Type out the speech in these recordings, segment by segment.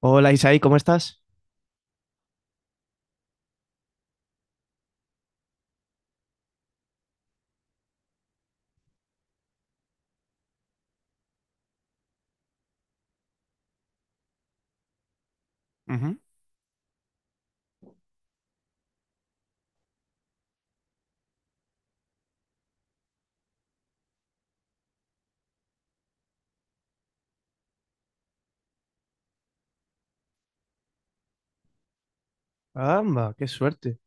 Hola Isaí, ¿cómo estás? Ujú. Amba, qué suerte.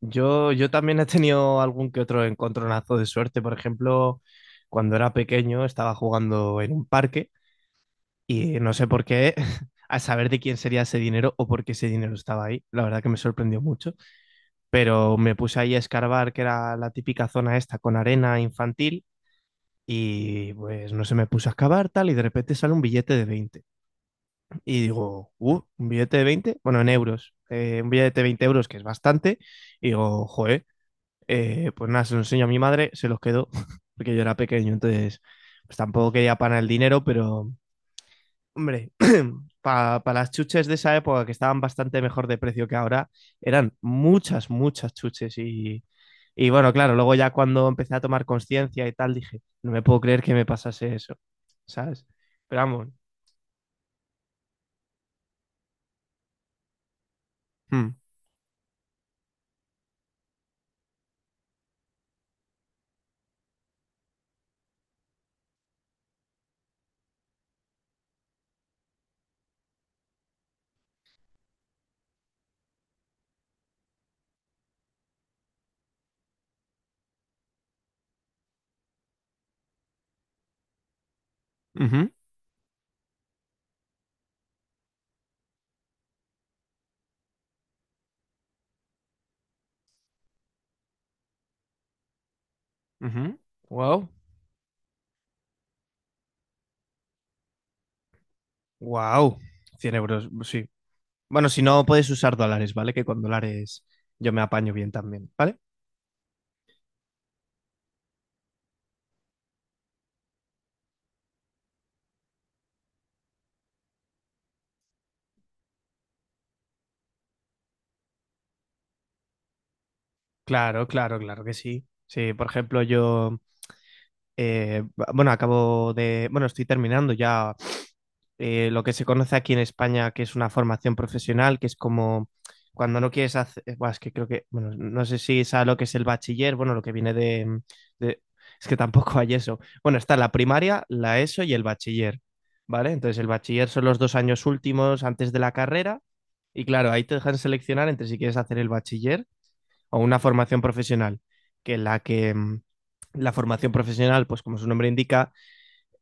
Yo también he tenido algún que otro encontronazo de suerte. Por ejemplo, cuando era pequeño estaba jugando en un parque y no sé por qué, a saber de quién sería ese dinero o por qué ese dinero estaba ahí. La verdad que me sorprendió mucho. Pero me puse ahí a escarbar, que era la típica zona esta con arena infantil. Y pues no sé, me puse a excavar tal y de repente sale un billete de 20. Y digo, un billete de veinte, bueno, en euros. Un billete de 20 euros, que es bastante. Y digo, joder. Pues nada, se los enseño a mi madre, se los quedó, porque yo era pequeño, entonces pues tampoco quería para el dinero, pero hombre, para pa las chuches de esa época, que estaban bastante mejor de precio que ahora, eran muchas, muchas chuches y bueno, claro, luego ya cuando empecé a tomar conciencia y tal, dije, no me puedo creer que me pasase eso, ¿sabes? Pero vamos, hmm, ujú, ujú, wow, wow, 100 euros, sí. Bueno, si no, puedes usar dólares, ¿vale? Que con dólares yo me apaño bien también, ¿vale? Claro, claro, claro que sí. Sí, por ejemplo, yo, eh, bueno, acabo de, bueno, estoy terminando ya lo que se conoce aquí en España, que es una formación profesional, que es como cuando no quieres hacer, buah, es que creo que, bueno, no sé si es lo que es el bachiller, bueno, lo que viene de, de- es que tampoco hay eso. Bueno, está la primaria, la ESO y el bachiller, ¿vale? Entonces, el bachiller son los dos años últimos antes de la carrera y claro, ahí te dejan seleccionar entre si quieres hacer el bachiller o una formación profesional, que la que la formación profesional, pues como su nombre indica,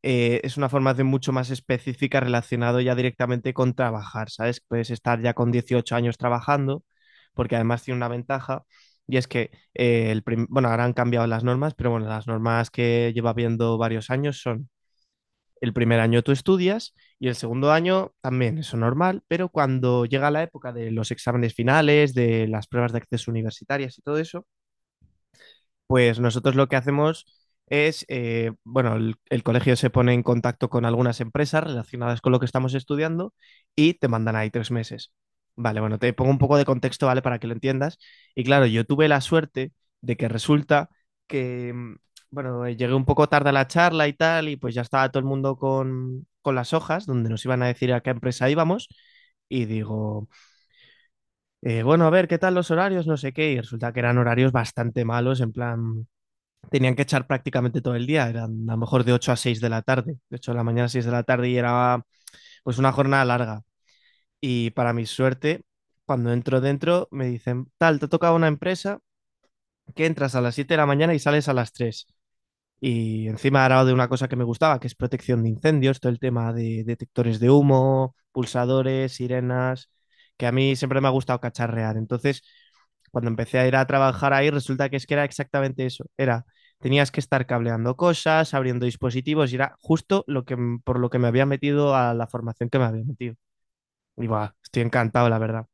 es una formación mucho más específica relacionado ya directamente con trabajar, ¿sabes? Puedes estar ya con 18 años trabajando, porque además tiene una ventaja, y es que, el prim- bueno, ahora han cambiado las normas, pero bueno, las normas que lleva viendo varios años son: el primer año tú estudias y el segundo año también, eso normal, pero cuando llega la época de los exámenes finales, de las pruebas de acceso universitarias y todo eso, pues nosotros lo que hacemos es, bueno, el colegio se pone en contacto con algunas empresas relacionadas con lo que estamos estudiando y te mandan ahí 3 meses. Vale, bueno, te pongo un poco de contexto, ¿vale? Para que lo entiendas. Y claro, yo tuve la suerte de que resulta que, bueno, llegué un poco tarde a la charla y tal, y pues ya estaba todo el mundo con las hojas donde nos iban a decir a qué empresa íbamos. Y digo, bueno, a ver, ¿qué tal los horarios? No sé qué. Y resulta que eran horarios bastante malos, en plan tenían que echar prácticamente todo el día, eran a lo mejor de 8 a 6 de la tarde, de 8 de la mañana a 6 de la tarde y era pues una jornada larga. Y para mi suerte, cuando entro dentro me dicen, tal, te toca una empresa que entras a las 7 de la mañana y sales a las 3, y encima era de una cosa que me gustaba, que es protección de incendios, todo el tema de detectores de humo, pulsadores, sirenas, que a mí siempre me ha gustado cacharrear. Entonces, cuando empecé a ir a trabajar ahí, resulta que es que era exactamente eso. Era, tenías que estar cableando cosas, abriendo dispositivos, y era justo lo que, por lo que me había metido a la formación que me había metido. Y buah, estoy encantado, la verdad.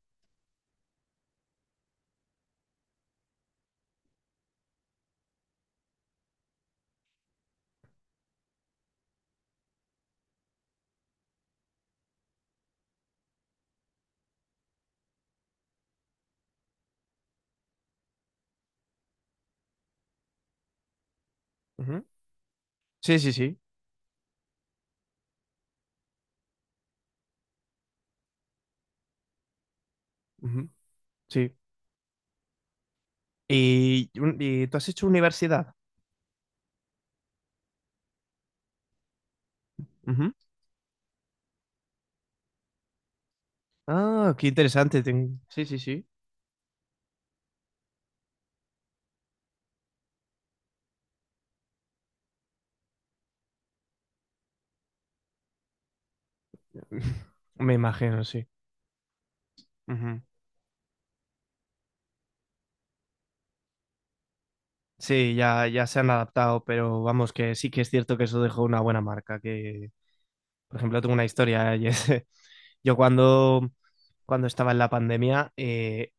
Ujú. Sí, sí, sí. Ujú. Sí. Y, un- y tú has hecho universidad. Ujú. Ah, qué interesante. Ten- Sí, sí, sí. Me imagino, sí. Ujú. Sí, ya, ya se han adaptado, pero vamos, que sí que es cierto que eso dejó una buena marca. Que, por ejemplo, tengo una historia y es, yo cuando, cuando estaba en la pandemia,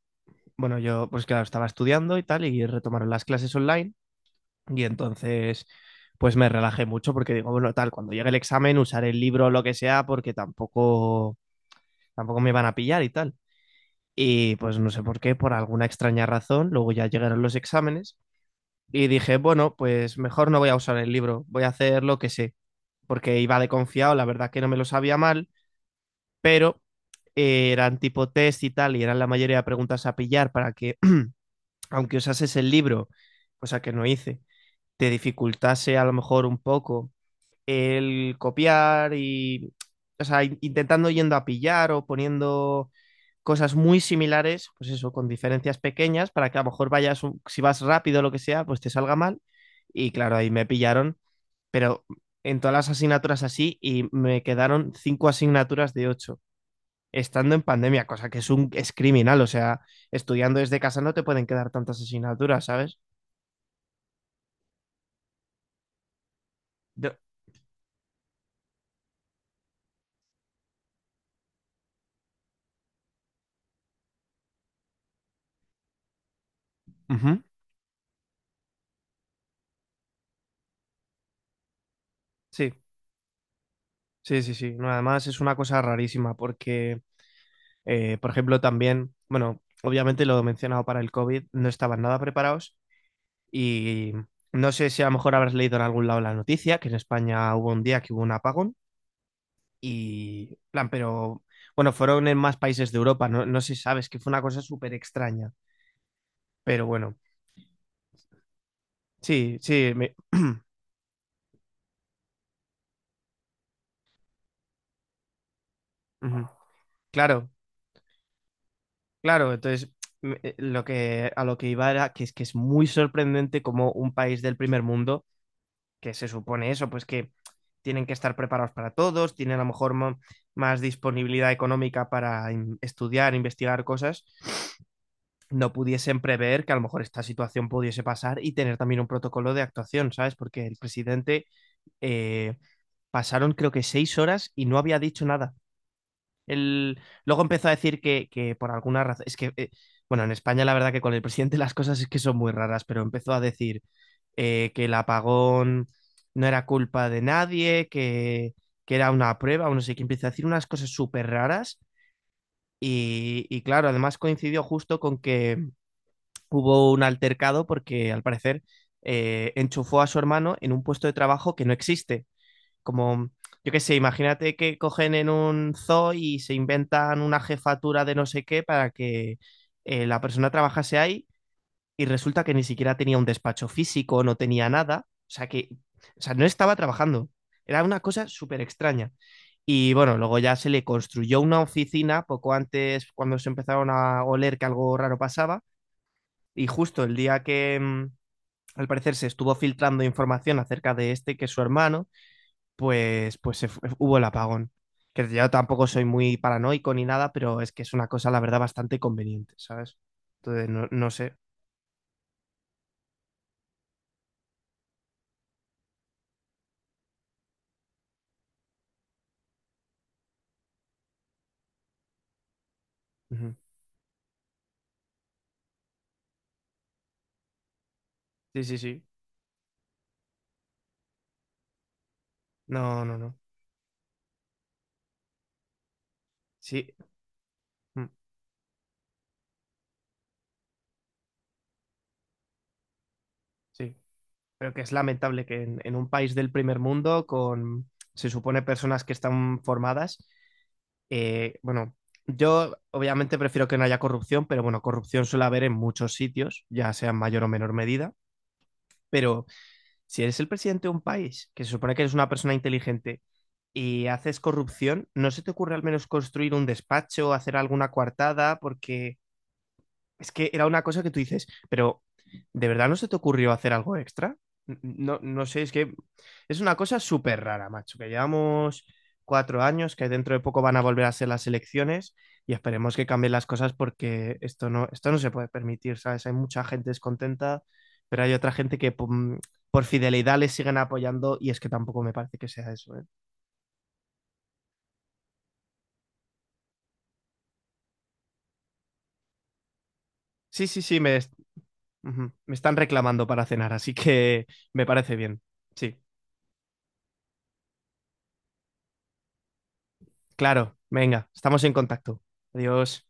bueno, yo pues claro, estaba estudiando y tal, y retomaron las clases online, y entonces pues me relajé mucho porque digo, bueno, tal, cuando llegue el examen usaré el libro o lo que sea porque tampoco, tampoco me van a pillar y tal. Y pues no sé por qué, por alguna extraña razón, luego ya llegaron los exámenes y dije, bueno, pues mejor no voy a usar el libro, voy a hacer lo que sé, porque iba de confiado, la verdad que no me lo sabía mal, pero eran tipo test y tal, y eran la mayoría de preguntas a pillar para que, aunque usases el libro, cosa que no hice, te dificultase a lo mejor un poco el copiar y, o sea, in- intentando yendo a pillar o poniendo cosas muy similares, pues eso, con diferencias pequeñas, para que a lo mejor vayas, un- si vas rápido o lo que sea, pues te salga mal. Y claro, ahí me pillaron, pero en todas las asignaturas así y me quedaron 5 asignaturas de 8 estando en pandemia, cosa que es un es criminal. O sea, estudiando desde casa no te pueden quedar tantas asignaturas, ¿sabes? De- ujú. Sí, sí, sí, sí. No, además es una cosa rarísima porque, por ejemplo, también, bueno, obviamente lo he mencionado para el COVID, no estaban nada preparados y no sé si a lo mejor habrás leído en algún lado la noticia que en España hubo un día que hubo un apagón y, plan, pero bueno, fueron en más países de Europa, no, no sé si sabes, que fue una cosa súper extraña, pero bueno, sí, sí, me- Ujú. Claro, claro. Entonces, lo que, a lo que iba era que es muy sorprendente como un país del primer mundo, que se supone eso, pues que tienen que estar preparados para todos, tienen a lo mejor mo- más disponibilidad económica para in- estudiar, investigar cosas, no pudiesen prever que a lo mejor esta situación pudiese pasar y tener también un protocolo de actuación, ¿sabes? Porque el presidente eh, pasaron creo que 6 horas y no había dicho nada. Él luego empezó a decir que por alguna razón, es que, bueno, en España la verdad que con el presidente las cosas es que son muy raras, pero empezó a decir que el apagón no era culpa de nadie, que era una prueba, o no sé qué, empezó a decir unas cosas súper raras. Y claro, además coincidió justo con que hubo un altercado porque al parecer enchufó a su hermano en un puesto de trabajo que no existe, como, yo qué sé, imagínate que cogen en un zoo y se inventan una jefatura de no sé qué para que la persona trabajase ahí y resulta que ni siquiera tenía un despacho físico, no tenía nada, o sea que, o sea, no estaba trabajando, era una cosa súper extraña. Y bueno, luego ya se le construyó una oficina poco antes cuando se empezaron a oler que algo raro pasaba y justo el día que, al parecer se estuvo filtrando información acerca de este, que es su hermano, pues, pues se fu- hubo el apagón. Que yo tampoco soy muy paranoico ni nada, pero es que es una cosa, la verdad, bastante conveniente, ¿sabes? Entonces, no, no sé. Ujú. Sí, sí, sí. No, no, no. Sí, mm, sí. Pero que es lamentable que en un país del primer mundo, con, se supone, personas que están formadas, bueno, yo obviamente prefiero que no haya corrupción, pero bueno, corrupción suele haber en muchos sitios, ya sea en mayor o menor medida, pero si eres el presidente de un país, que se supone que eres una persona inteligente y haces corrupción, ¿no se te ocurre al menos construir un despacho, hacer alguna coartada? Porque es que era una cosa que tú dices, pero ¿de verdad no se te ocurrió hacer algo extra? No, no sé, es que es una cosa súper rara, macho, que llevamos 4 años, que dentro de poco van a volver a ser las elecciones y esperemos que cambien las cosas porque esto no se puede permitir, ¿sabes? Hay mucha gente descontenta, pero hay otra gente que pum, por fidelidad les siguen apoyando y es que tampoco me parece que sea eso, ¿eh? Sí, sí, sí, me, est- ujú, me están reclamando para cenar, así que me parece bien, sí. Claro, venga, estamos en contacto. Adiós.